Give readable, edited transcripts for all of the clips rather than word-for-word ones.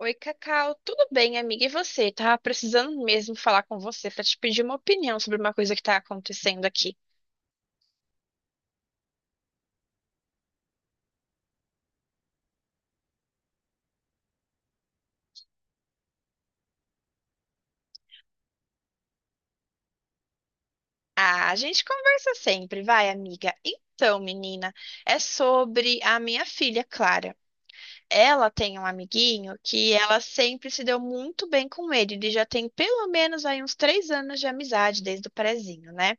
Oi, Cacau. Tudo bem, amiga? E você? Tava precisando mesmo falar com você pra te pedir uma opinião sobre uma coisa que tá acontecendo aqui. Ah, a gente conversa sempre, vai, amiga. Então, menina, é sobre a minha filha Clara. Ela tem um amiguinho que ela sempre se deu muito bem com ele. Ele já tem pelo menos aí uns três anos de amizade desde o prezinho, né?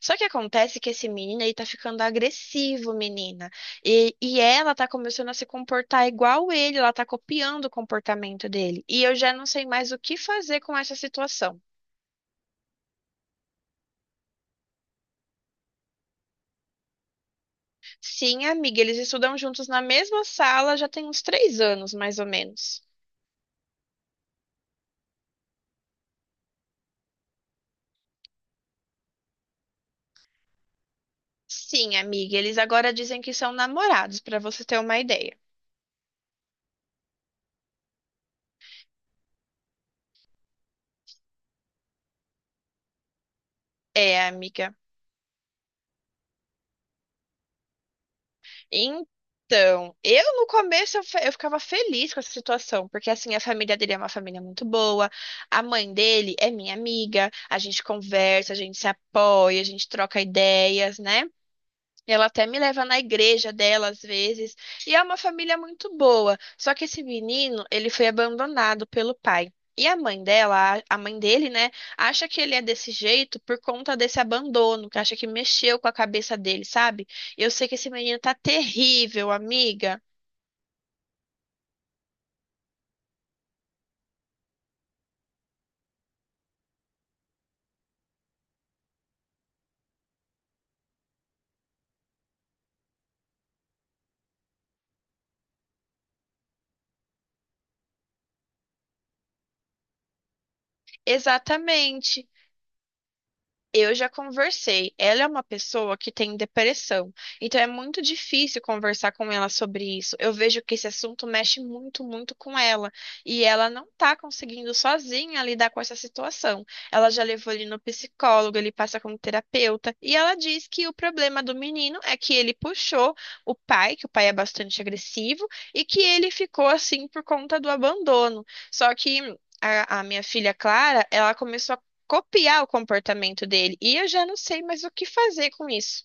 Só que acontece que esse menino aí tá ficando agressivo, menina. E ela tá começando a se comportar igual ele, ela tá copiando o comportamento dele. E eu já não sei mais o que fazer com essa situação. Sim, amiga, eles estudam juntos na mesma sala já tem uns três anos, mais ou menos. Sim, amiga, eles agora dizem que são namorados, pra você ter uma ideia. É, amiga. Então, eu no começo eu, fe- eu ficava feliz com essa situação, porque assim, a família dele é uma família muito boa, a mãe dele é minha amiga, a gente conversa, a gente se apoia, a gente troca ideias, né? Ela até me leva na igreja dela às vezes. E é uma família muito boa. Só que esse menino, ele foi abandonado pelo pai. E a mãe dela, a mãe dele, né, acha que ele é desse jeito por conta desse abandono, que acha que mexeu com a cabeça dele, sabe? Eu sei que esse menino tá terrível, amiga. Exatamente. Eu já conversei. Ela é uma pessoa que tem depressão, então é muito difícil conversar com ela sobre isso. Eu vejo que esse assunto mexe muito, muito com ela, e ela não tá conseguindo sozinha lidar com essa situação. Ela já levou ele no psicólogo, ele passa como terapeuta, e ela diz que o problema do menino é que ele puxou o pai, que o pai é bastante agressivo, e que ele ficou assim por conta do abandono. Só que a minha filha Clara, ela começou copiar o comportamento dele. E eu já não sei mais o que fazer com isso.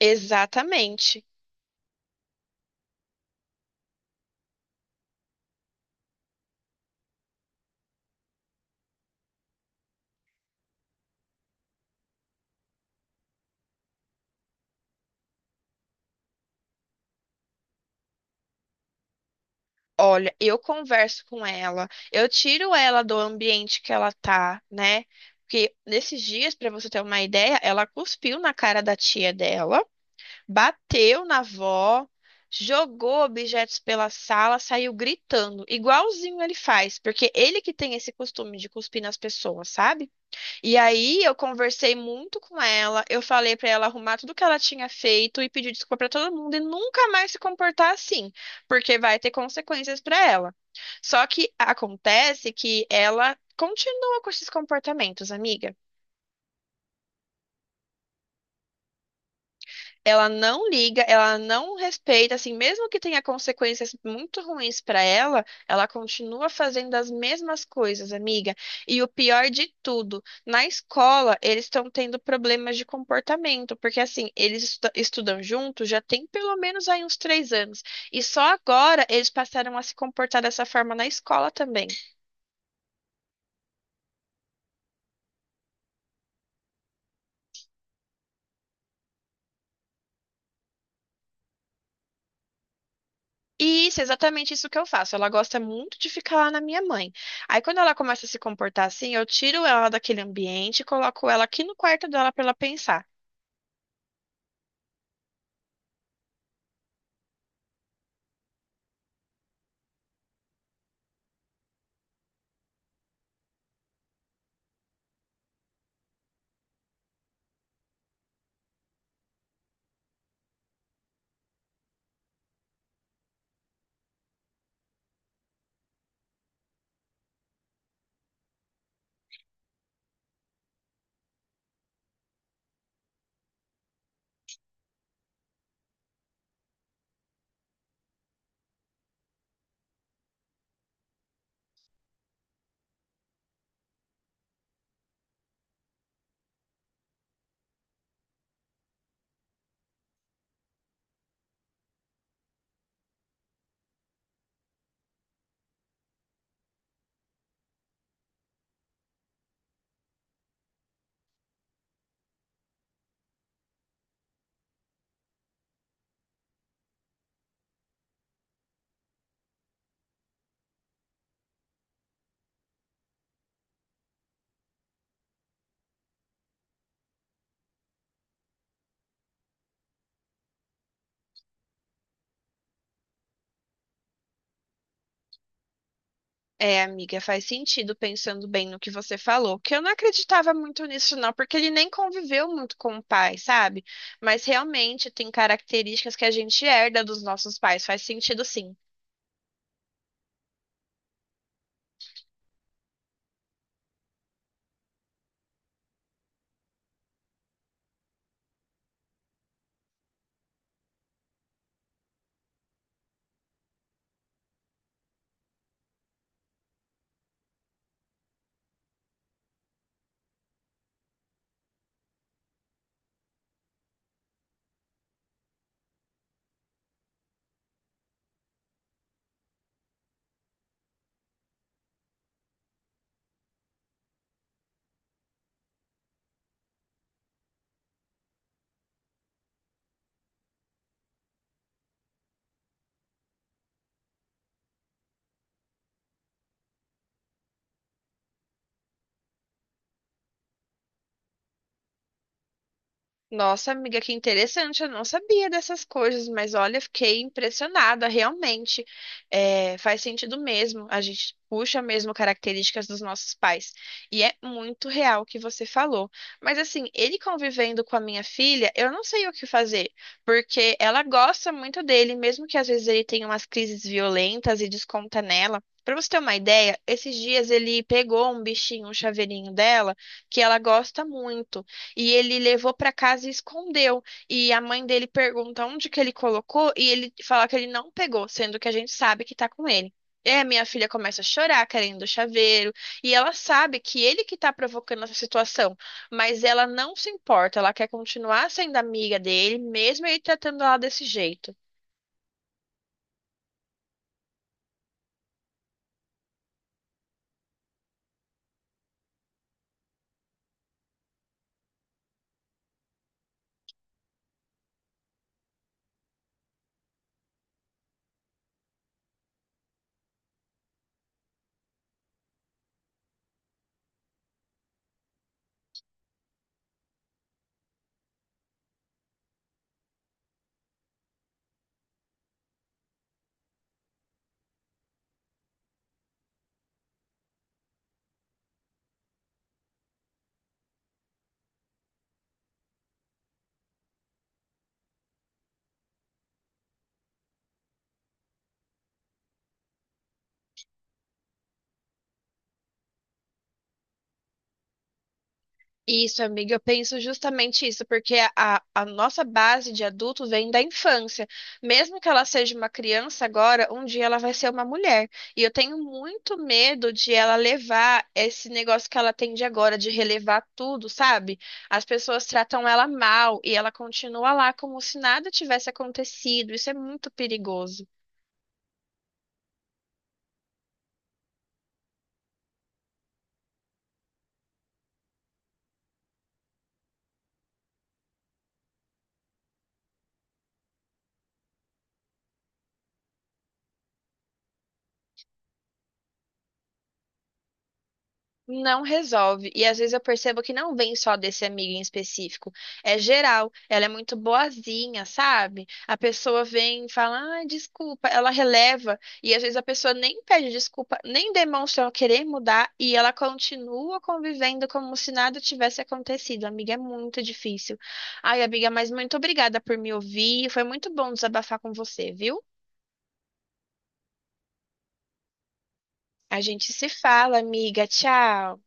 Exatamente. Olha, eu converso com ela, eu tiro ela do ambiente que ela tá, né? Porque nesses dias, pra você ter uma ideia, ela cuspiu na cara da tia dela, bateu na avó, jogou objetos pela sala, saiu gritando, igualzinho ele faz, porque ele que tem esse costume de cuspir nas pessoas, sabe? E aí eu conversei muito com ela, eu falei pra ela arrumar tudo que ela tinha feito e pedir desculpa pra todo mundo e nunca mais se comportar assim, porque vai ter consequências pra ela. Só que acontece que ela continua com esses comportamentos, amiga. Ela não liga, ela não respeita, assim, mesmo que tenha consequências muito ruins para ela, ela continua fazendo as mesmas coisas, amiga. E o pior de tudo, na escola eles estão tendo problemas de comportamento, porque assim, estudam juntos já tem pelo menos aí uns três anos, e só agora eles passaram a se comportar dessa forma na escola também. E isso, é exatamente isso que eu faço. Ela gosta muito de ficar lá na minha mãe. Aí quando ela começa a se comportar assim, eu tiro ela daquele ambiente e coloco ela aqui no quarto dela para ela pensar. É, amiga, faz sentido pensando bem no que você falou, que eu não acreditava muito nisso não, porque ele nem conviveu muito com o pai, sabe? Mas realmente tem características que a gente herda dos nossos pais, faz sentido sim. Nossa, amiga, que interessante. Eu não sabia dessas coisas, mas olha, fiquei impressionada, realmente. É, faz sentido mesmo. A gente puxa mesmo características dos nossos pais. E é muito real o que você falou. Mas assim, ele convivendo com a minha filha, eu não sei o que fazer, porque ela gosta muito dele, mesmo que às vezes ele tenha umas crises violentas e desconta nela. Pra você ter uma ideia, esses dias ele pegou um bichinho, um chaveirinho dela, que ela gosta muito. E ele levou para casa e escondeu. E a mãe dele pergunta onde que ele colocou e ele fala que ele não pegou, sendo que a gente sabe que tá com ele. É, minha filha começa a chorar querendo o chaveiro, e ela sabe que ele que tá provocando essa situação, mas ela não se importa, ela quer continuar sendo amiga dele, mesmo ele tratando ela desse jeito. Isso, amiga, eu penso justamente isso, porque a nossa base de adulto vem da infância. Mesmo que ela seja uma criança agora, um dia ela vai ser uma mulher. E eu tenho muito medo de ela levar esse negócio que ela tem de agora, de relevar tudo, sabe? As pessoas tratam ela mal e ela continua lá como se nada tivesse acontecido. Isso é muito perigoso. Não resolve. E às vezes eu percebo que não vem só desse amigo em específico. É geral. Ela é muito boazinha, sabe? A pessoa vem e fala, ah, desculpa. Ela releva. E às vezes a pessoa nem pede desculpa, nem demonstra querer mudar. E ela continua convivendo como se nada tivesse acontecido. Amiga, é muito difícil. Ai, amiga, mas muito obrigada por me ouvir. Foi muito bom desabafar com você, viu? A gente se fala, amiga. Tchau.